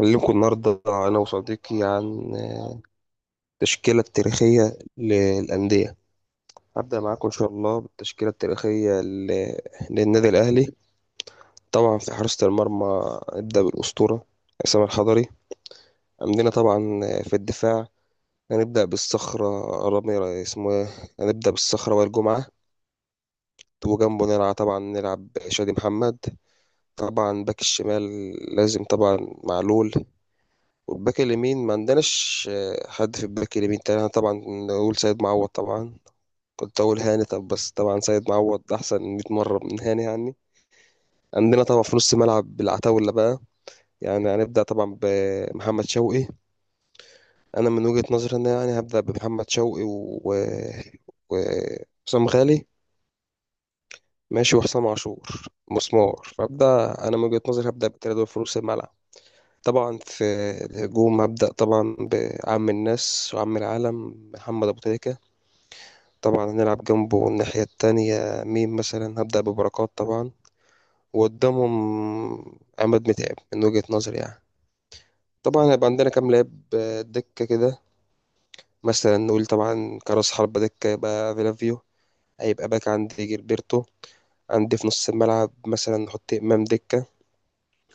أكلمكم النهاردة أنا وصديقي عن التشكيلة التاريخية للأندية. هبدأ معاكم إن شاء الله بالتشكيلة التاريخية للنادي الأهلي. طبعا في حراسة المرمى نبدأ بالأسطورة عصام الحضري. عندنا طبعا في الدفاع هنبدأ بالصخرة، رامي اسمه إيه؟ هنبدأ بالصخرة وائل جمعة، وجنبه نلعب طبعا شادي محمد. طبعا باك الشمال لازم طبعا معلول، والباك اليمين ما عندناش. حد في الباك اليمين تاني؟ أنا طبعا نقول سيد معوض. طبعا كنت أقول هاني، طب بس طبعا سيد معوض أحسن 100 مرة من هاني يعني. عندنا طبعا في نص ملعب العتاولة بقى، يعني هنبدأ طبعا بمحمد شوقي. أنا من وجهة نظري إن يعني هبدأ بمحمد شوقي وحسام غالي، ماشي، وحسام عاشور مسمار. فأبدأ أنا من وجهة نظري هبدأ بالتلاتة دول في نص الملعب. طبعا في الهجوم هبدأ طبعا بعم الناس وعم العالم محمد أبو تريكة. طبعا هنلعب جنبه الناحية التانية مين؟ مثلا هبدأ ببركات طبعا، وقدامهم عماد متعب من وجهة نظري يعني. طبعا هيبقى عندنا كام لاعب دكة كده. مثلا نقول طبعا كراس حربة دكة يبقى فيلافيو، هيبقى باك عندي جilberto. عندي في نص الملعب مثلا نحط إمام دكة.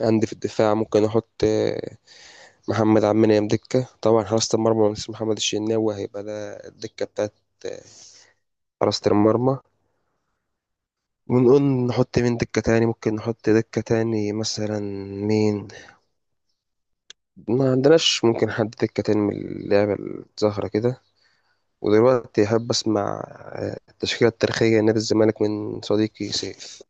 عندي في الدفاع ممكن أحط محمد عبد المنعم دكة. طبعا حراسة المرمى مثل محمد الشناوي هيبقى ده الدكة بتاعت آه، حراسة المرمى. ونقول نحط مين دكة تاني؟ ممكن نحط دكة تاني مثلا مين؟ ما عندناش. ممكن حد دكة تاني من اللعبة الزهرة كده. ودلوقتي أحب أسمع التشكيلة التاريخية نادي الزمالك من صديقي سيف.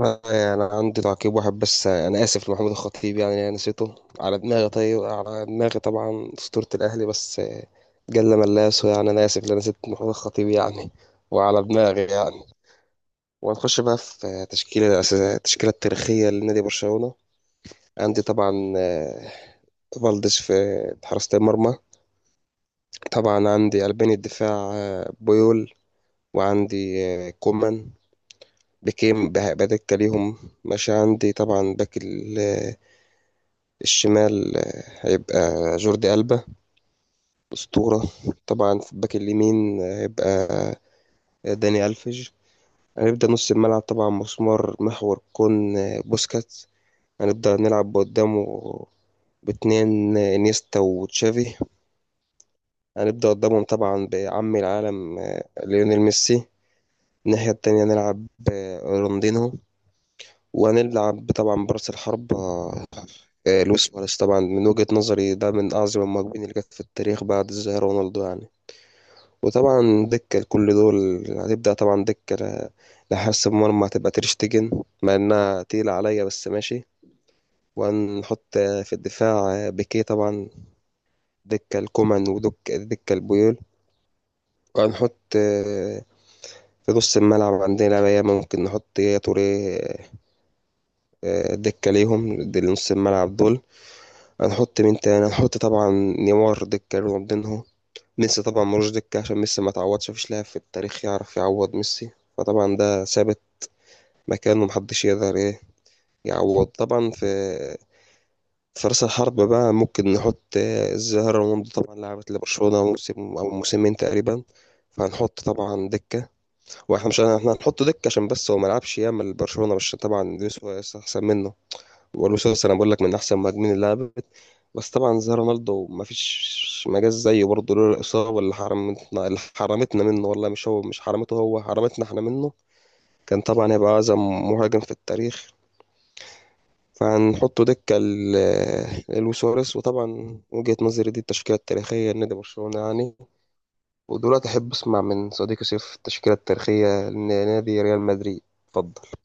يعني عندي تعقيب واحد بس. أنا آسف لمحمود الخطيب، يعني أنا نسيته على دماغي، طيب على دماغي طبعا أسطورة الأهلي، بس جل من لا يسهو يعني. أنا آسف لأن نسيت محمود الخطيب يعني، وعلى دماغي يعني. وهنخش بقى في تشكيلة الأساسية، التشكيلة التاريخية لنادي برشلونة. عندي طبعا فالديز في حراسة المرمى. طبعا عندي قلبين الدفاع، بويول، وعندي كومان بكيم بدكة ليهم ماشي. عندي طبعا باك الشمال، هيبقى جوردي ألبا، أسطورة. طبعا في الباك اليمين هيبقى داني ألفيج. هنبدأ نص الملعب طبعا مسمار محور كون، بوسكات. هنبدأ نلعب قدامه باتنين انيستا وتشافي. هنبدأ قدامهم طبعا بعم العالم ليونيل ميسي. الناحية التانية نلعب رونالدينو، وهنلعب طبعا برأس الحرب لويس سواريز. طبعا من وجهة نظري ده من أعظم المهاجمين اللي جت في التاريخ بعد الظاهرة رونالدو يعني. وطبعا دكة لكل دول. هتبدأ طبعا لحارس المرمى هتبقى تريشتجن، مع إنها تقيلة عليا بس ماشي. وهنحط في الدفاع بيكيه طبعا دكة الكومان، ودكة البيول. وهنحط في نص الملعب عندنا بقى ممكن نحط يا توري، دكة ليهم دي نص الملعب دول. هنحط مين تاني؟ هنحط طبعا نيمار دكة رونالدينهو. ميسي طبعا ملوش دكة عشان ميسي ما تعوضش، مفيش لاعب في التاريخ يعرف يعوض ميسي، فطبعا ده ثابت، مكانه محدش يقدر ايه يعوض طبعا. في راس الحرب بقى ممكن نحط الظاهرة رونالدو. طبعا لعبت لبرشلونة موسم أو موسمين تقريبا، فهنحط طبعا دكة. واحنا مش احنا هنحط دك عشان بس هو ما لعبش ياما لبرشلونه، مش طبعا لويس سواريز احسن منه. ولويس سواريز انا بقول لك من احسن المهاجمين اللي لعبت، بس طبعا زي رونالدو ما فيش مجال زيه برضه، لولا الاصابه اللي حرمتنا منه. والله مش هو، مش حرمته، هو حرمتنا احنا منه. كان طبعا هيبقى اعظم مهاجم في التاريخ، فهنحطه لويس سواريز. وطبعا وجهه نظري دي التشكيله التاريخيه لنادي برشلونه يعني. ودلوقتي احب اسمع من صديقي سيف التشكيله التاريخيه لنادي ريال مدريد. اتفضل.